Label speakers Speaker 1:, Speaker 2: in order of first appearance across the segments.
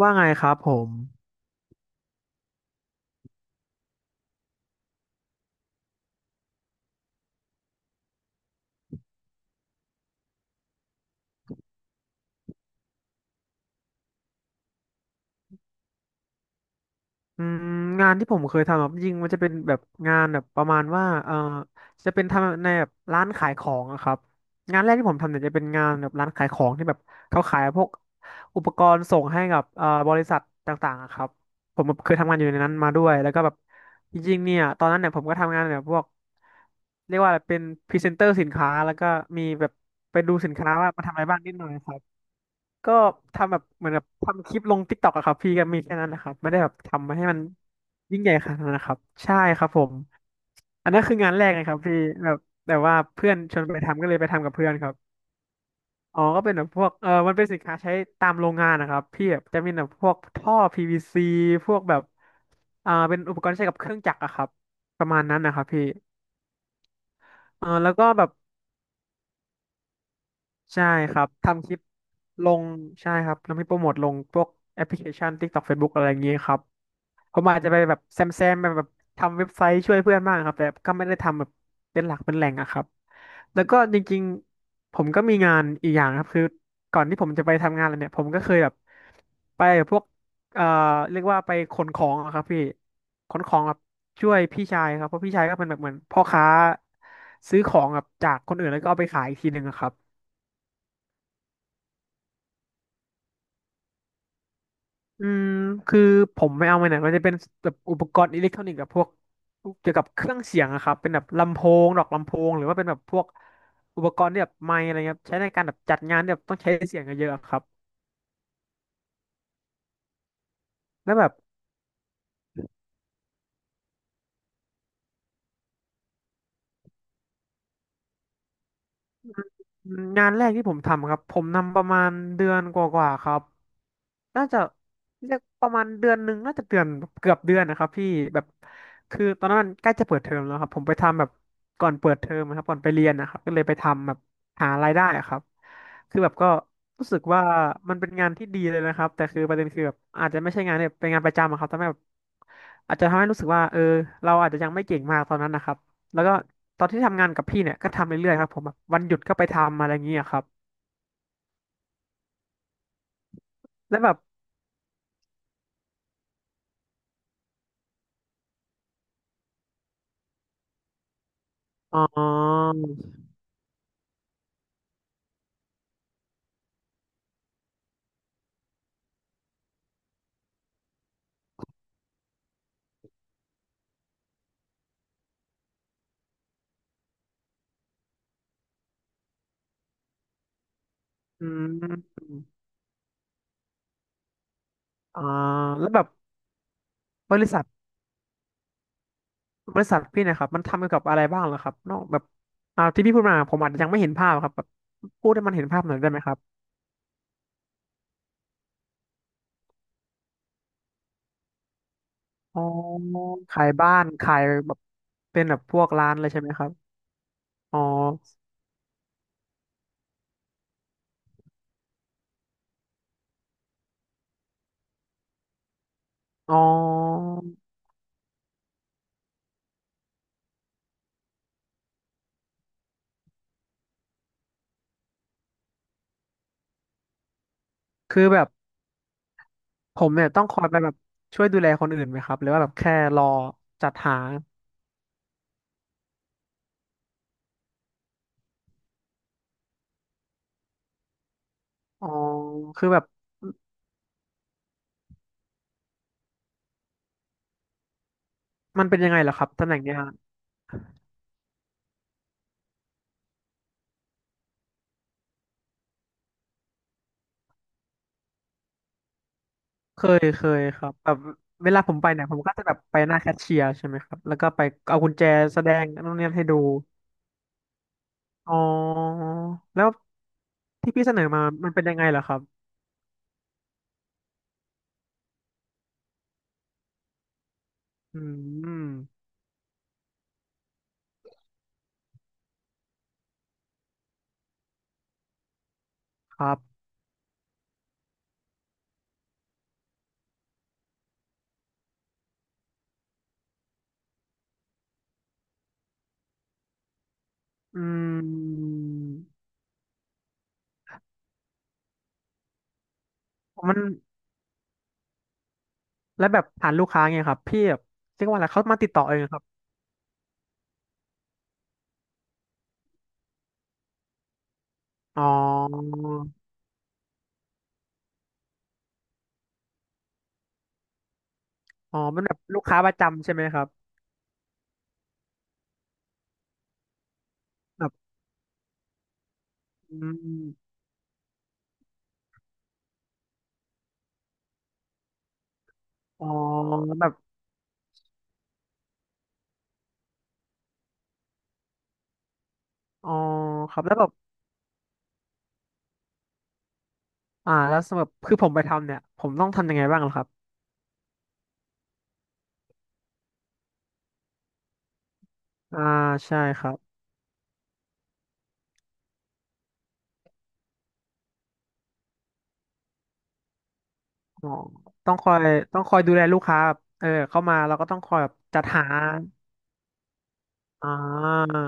Speaker 1: ว่าไงครับผมอืมงานที่ผมเคยทำแบบจริงๆมันจะเป็นแบบงานแบบประมาณว่าจะเป็นทำในแบบร้านขายของอะครับงานแรกที่ผมทำเนี่ยจะเป็นงานแบบร้านขายของที่แบบเขาขายพวกอุปกรณ์ส่งให้กับบริษัทต่างๆอะครับผมแบบเคยทำงานอยู่ในนั้นมาด้วยแล้วก็แบบจริงๆเนี่ยตอนนั้นเนี่ยผมก็ทำงานแบบพวกเรียกว่าอะไรเป็นพรีเซนเตอร์สินค้าแล้วก็มีแบบไปดูสินค้าว่ามาทำอะไรบ้างนิดหน่อยครับ ก็ทำแบบเหมือนแบบทำคลิปลง TikTok อะครับพี่ก็มีแค่นั้นนะครับไม่ได้แบบทำมาให้มันยิ่งใหญ่ขนาดนั้นนะครับใช่ครับผมอันนั้นคืองานแรกนะครับพี่แบบแต่ว่าเพื่อนชวนไปทำก็เลยไปทำกับเพื่อนครับอ๋อก็เป็นแบบพวกมันเป็นสินค้าใช้ตามโรงงานนะครับพี่แบบจะมีแบบพวกท่อพีวีซีพวกแบบเป็นอุปกรณ์ที่ใช้กับเครื่องจักรอะครับประมาณนั้นนะครับพี่แล้วก็แบบใช่ครับทำคลิปลงใช่ครับแล้วมีโปรโมทลงพวกแอปพลิเคชัน TikTok Facebook อะไรอย่างเงี้ยครับ ผมอาจจะไปแบบแซมแซมแบบทำเว็บไซต์ช่วยเพื่อนบ้างครับแต่ก็ไม่ได้ทำแบบเป็นหลักเป็นแหล่งอะครับแล้วก็จริงๆผมก็มีงานอีกอย่างครับคือก่อนที่ผมจะไปทำงานเลยเนี่ยผมก็เคยแบบไปพวกเอ่อเรียกว่าไปขนของอะครับพี่ขนของแบบช่วยพี่ชายครับเพราะพี่ชายก็เป็นแบบเหมือนพ่อค้าซื้อของแบบจากคนอื่นแล้วก็เอาไปขายอีกทีหนึ่งอะครับ อืมคือผมไม่เอามไหนมันจะเป็นแบบอุปกรณ์อิเล็กทรอนิกส์กับพวกเกี่ยวกับเครื่องเสียงอะครับเป็นแบบลำโพงดอกลำโพงหรือว่าเป็นแบบพวกอุปกรณ์ที่แบบไมค์อะไรเงี้ยใช้ในการแบบจัดงานที่แบบต้องใช้เสียงเยอะๆอะครับแล้วแบบงานแรกที่ผมทำครับผมทำประมาณเดือนกว่าๆครับ น่าจะเรียกประมาณเดือนหนึ่งน่าจะเดือนเกือบเดือนนะครับพี่แบบคือตอนนั้นมันใกล้จะเปิดเทอมแล้วครับผมไปทำแบบก่อนเปิดเทอมนะครับก่อนไปเรียนนะครับก็เลยไปทำแบบหารายได้อะครับคือแบบก็รู้สึกว่ามันเป็นงานที่ดีเลยนะครับแต่คือประเด็นคือแบบอาจจะไม่ใช่งานเนี่ยเป็นงานประจำอะครับทำให้แบบอาจจะทำให้รู้สึกว่าเราอาจจะยังไม่เก่งมากตอนนั้นนะครับแล้วก็ตอนที่ทำงานกับพี่เนี่ยก็ทำเรื่อยๆครับผมแบบวันหยุดก็ไปทำอะไรอย่างเงี้ยครับแล้วแบบอ๋ออืม อ่าแล้วแบบบริษัทบริษัทพี่เนะครับมันทำเกี่ยวกับอะไรบ้างเหรอครับนอกแบบที่พี่พูดมาผมอาจจะยังไม่เห็นภาพครับแบบพูดให้มันเห็นภาพหน่อยได้ไหมครับอ๋อขายบ้านขายแบบเป็นแบบพวกร้านเลยใช่ไหมครับอ๋ออ๋อคือแบบผมเนี่ยต้องคอยไปแบบช่วยดูแลคนอื่นไหมครับหรือว่าแบบแค่รอจัดหาอ๋อคือแบบมันเป็นยังไงเหรอครับตำแหน่งเนี้ย เคยเคยครับแบบเวลาผมไปเนี่ยผมก็จะแบบไปหน้าแคชเชียร์ใช่ไหมครับแล้วก็ไปเอากุญแจแสดงนู่นนี่ให้ดูอ๋อแล้วที่พี่เสนอมามันเป็นยังไงเหรอครับอืมครับอืมมันแล้วแบบผ่านลูกค้าไงครับพี่แบบเรียกว่าอะไรเขามาติดต่อเองครับอ๋ออ๋อมันแบบลูกค้าประจำใช่ไหมครับแบบอืมอ๋อแบบอ๋อครับแล้วแบบแล้วสำหรับคือผมไปทำเนี่ยผมต้องทำยังไงบ้างเหรอครับ อ่าใช่ครับอ๋อต้องคอยต้องคอยดูแลลูกค้าแบบเข้ามาเราก็ต้องคอยแบบจัดหาอ่า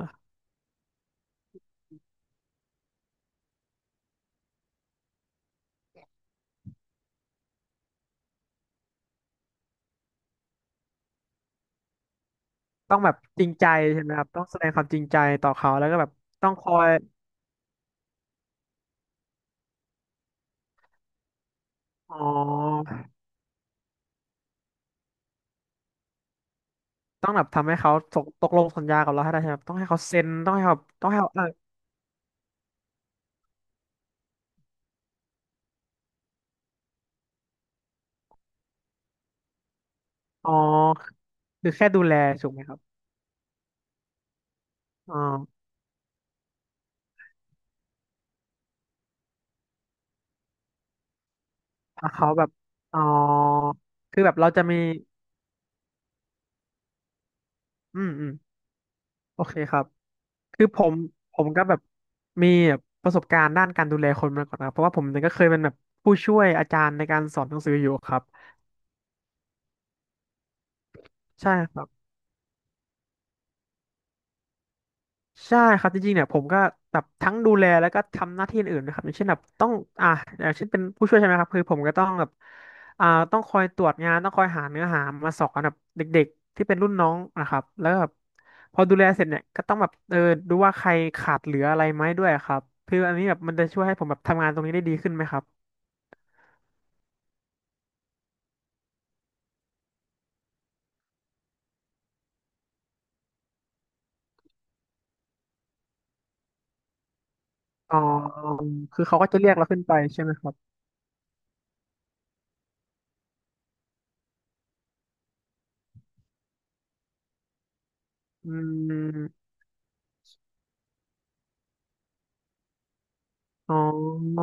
Speaker 1: ต้องแบบจริงใจใช่ไหมครับต้องแสดงความจริงใจต่อเขาแล้วก็แบบต้องคอยอ๋อต้องแบบทำให้เขาตกตกลงสัญญากับเราให้ได้ใช่ไหมครับต้องให้เขาเซ็นต้องให้เขาต้องให้เขาเอออ๋อคือแค่ดูแลถูกไหมครับอ๋อถ้าเขาแบบอ๋อคือแบบเราจะมีอืมโอเคครับ คือผมก็แบบมีแบบประสบการณ์ด้านการดูแลคนมาก่อนนะครับเพราะว่าผมเนี่ยก็เคยเป็นแบบผู้ช่วยอาจารย์ในการสอนหนังสืออยู่ครับใช่ครับใช่ครับจริงๆเนี่ยผมก็แบบทั้งดูแลแล้วก็ทำหน้าที่อื่นนะครับอย่างเช่นแบบต้องอ่าอย่างเช่นเป็นผู้ช่วยใช่ไหมครับคือผมก็ต้องแบบอ่าต้องคอยตรวจงานต้องคอยหาเนื้อหามาสอนแบบเด็กๆที่เป็นรุ่นน้องนะครับแล้วก็แบบพอดูแลเสร็จเนี่ยก็ต้องแบบเออดูว่าใครขาดเหลืออะไรไหมด้วยครับคืออันนี้แบบมันจะช่วยให้ผมแบบทำงานตรงนี้ได้ดีขึ้นไหมครับ อ๋อคือเขาก็จะเรียกเราขึ้นไปใช่ไหมครับอืมอ๋อ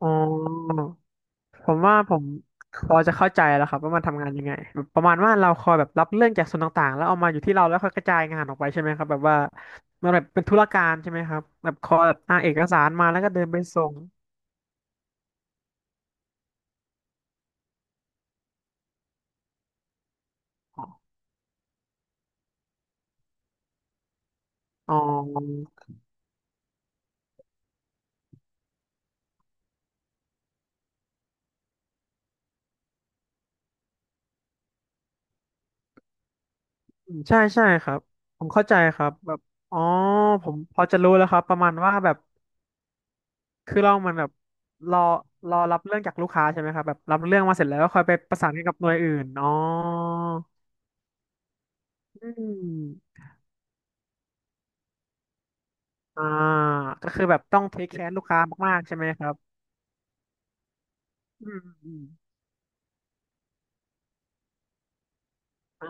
Speaker 1: อ๋อผมว่าผมพอจะเข้าใจแล้วครับว่ามันทำงานยังไงแบบประมาณว่าเราคอยแบบรับเรื่องจากส่วนต่างๆแล้วเอามาอยู่ที่เราแล้วค่อยกระจายงานออกไปใช่ไหมครับแบบว่ามันแบบเป็นธุรการใช่ไหมครับแบบคอยแบบเอกสารมาแล้วก็เดินไปส่งอ๋ออ๋อใช่ใช่ครับ ผมเข้าใจครับแบบอ๋อผมพอจะรู้แล้วครับประมาณว่าแบบ คือเรามันแบบรอรอรับเรื่องจากลูกค้าใช่ไหมครับแบบรับเรื่องมาเสร็จแล้วก็คอยไปประสานงานกับหน่วยอื่นอ๋ออืมอ่าก็คือแบบต้องเทคแคร์ลูกค้ามากๆใช่ไหมครับอืมอืมอ่า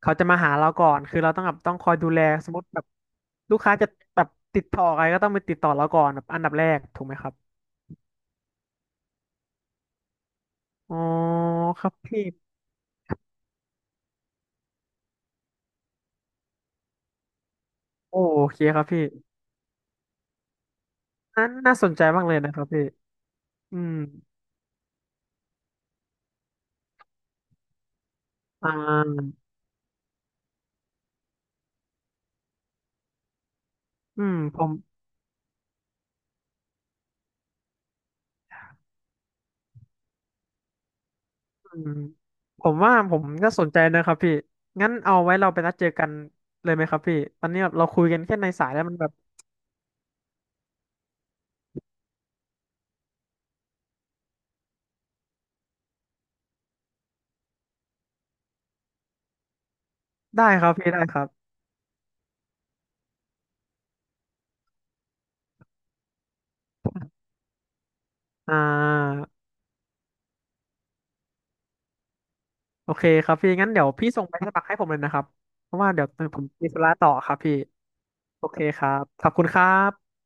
Speaker 1: เขาจะมาหาเราก่อนคือเราต้องแบบต้องคอยดูแลสมมติแบบลูกค้าจะแบบติดต่ออะไรก็ต้องไปติดต่อเราก่อนแบบอันดับแรกถูกไหมครับอ๋อครับพี่ โอเคครับพี่นั้นน่าสนใจมากเลยนะครับพี่อืมอ่าอืมผม อืมผมว่าผมก็สนใจนะครับพี่งั้นเอาไว้เราไปนัดเจอกันเลยไหมครับพี่ตอนนี้แบบเราคุยกันแค่ในสายแล้วมันแบบได้ครับพี่ได้ครับอ่าโอเคครับพี่งั้นเดี๋ยวพี่ส่งไปสมัครให้ผมเลยนะครับเพราะว่าเดี๋ยวผมมีธุระต่อครับพี่โอเคครับขอบคุณครับ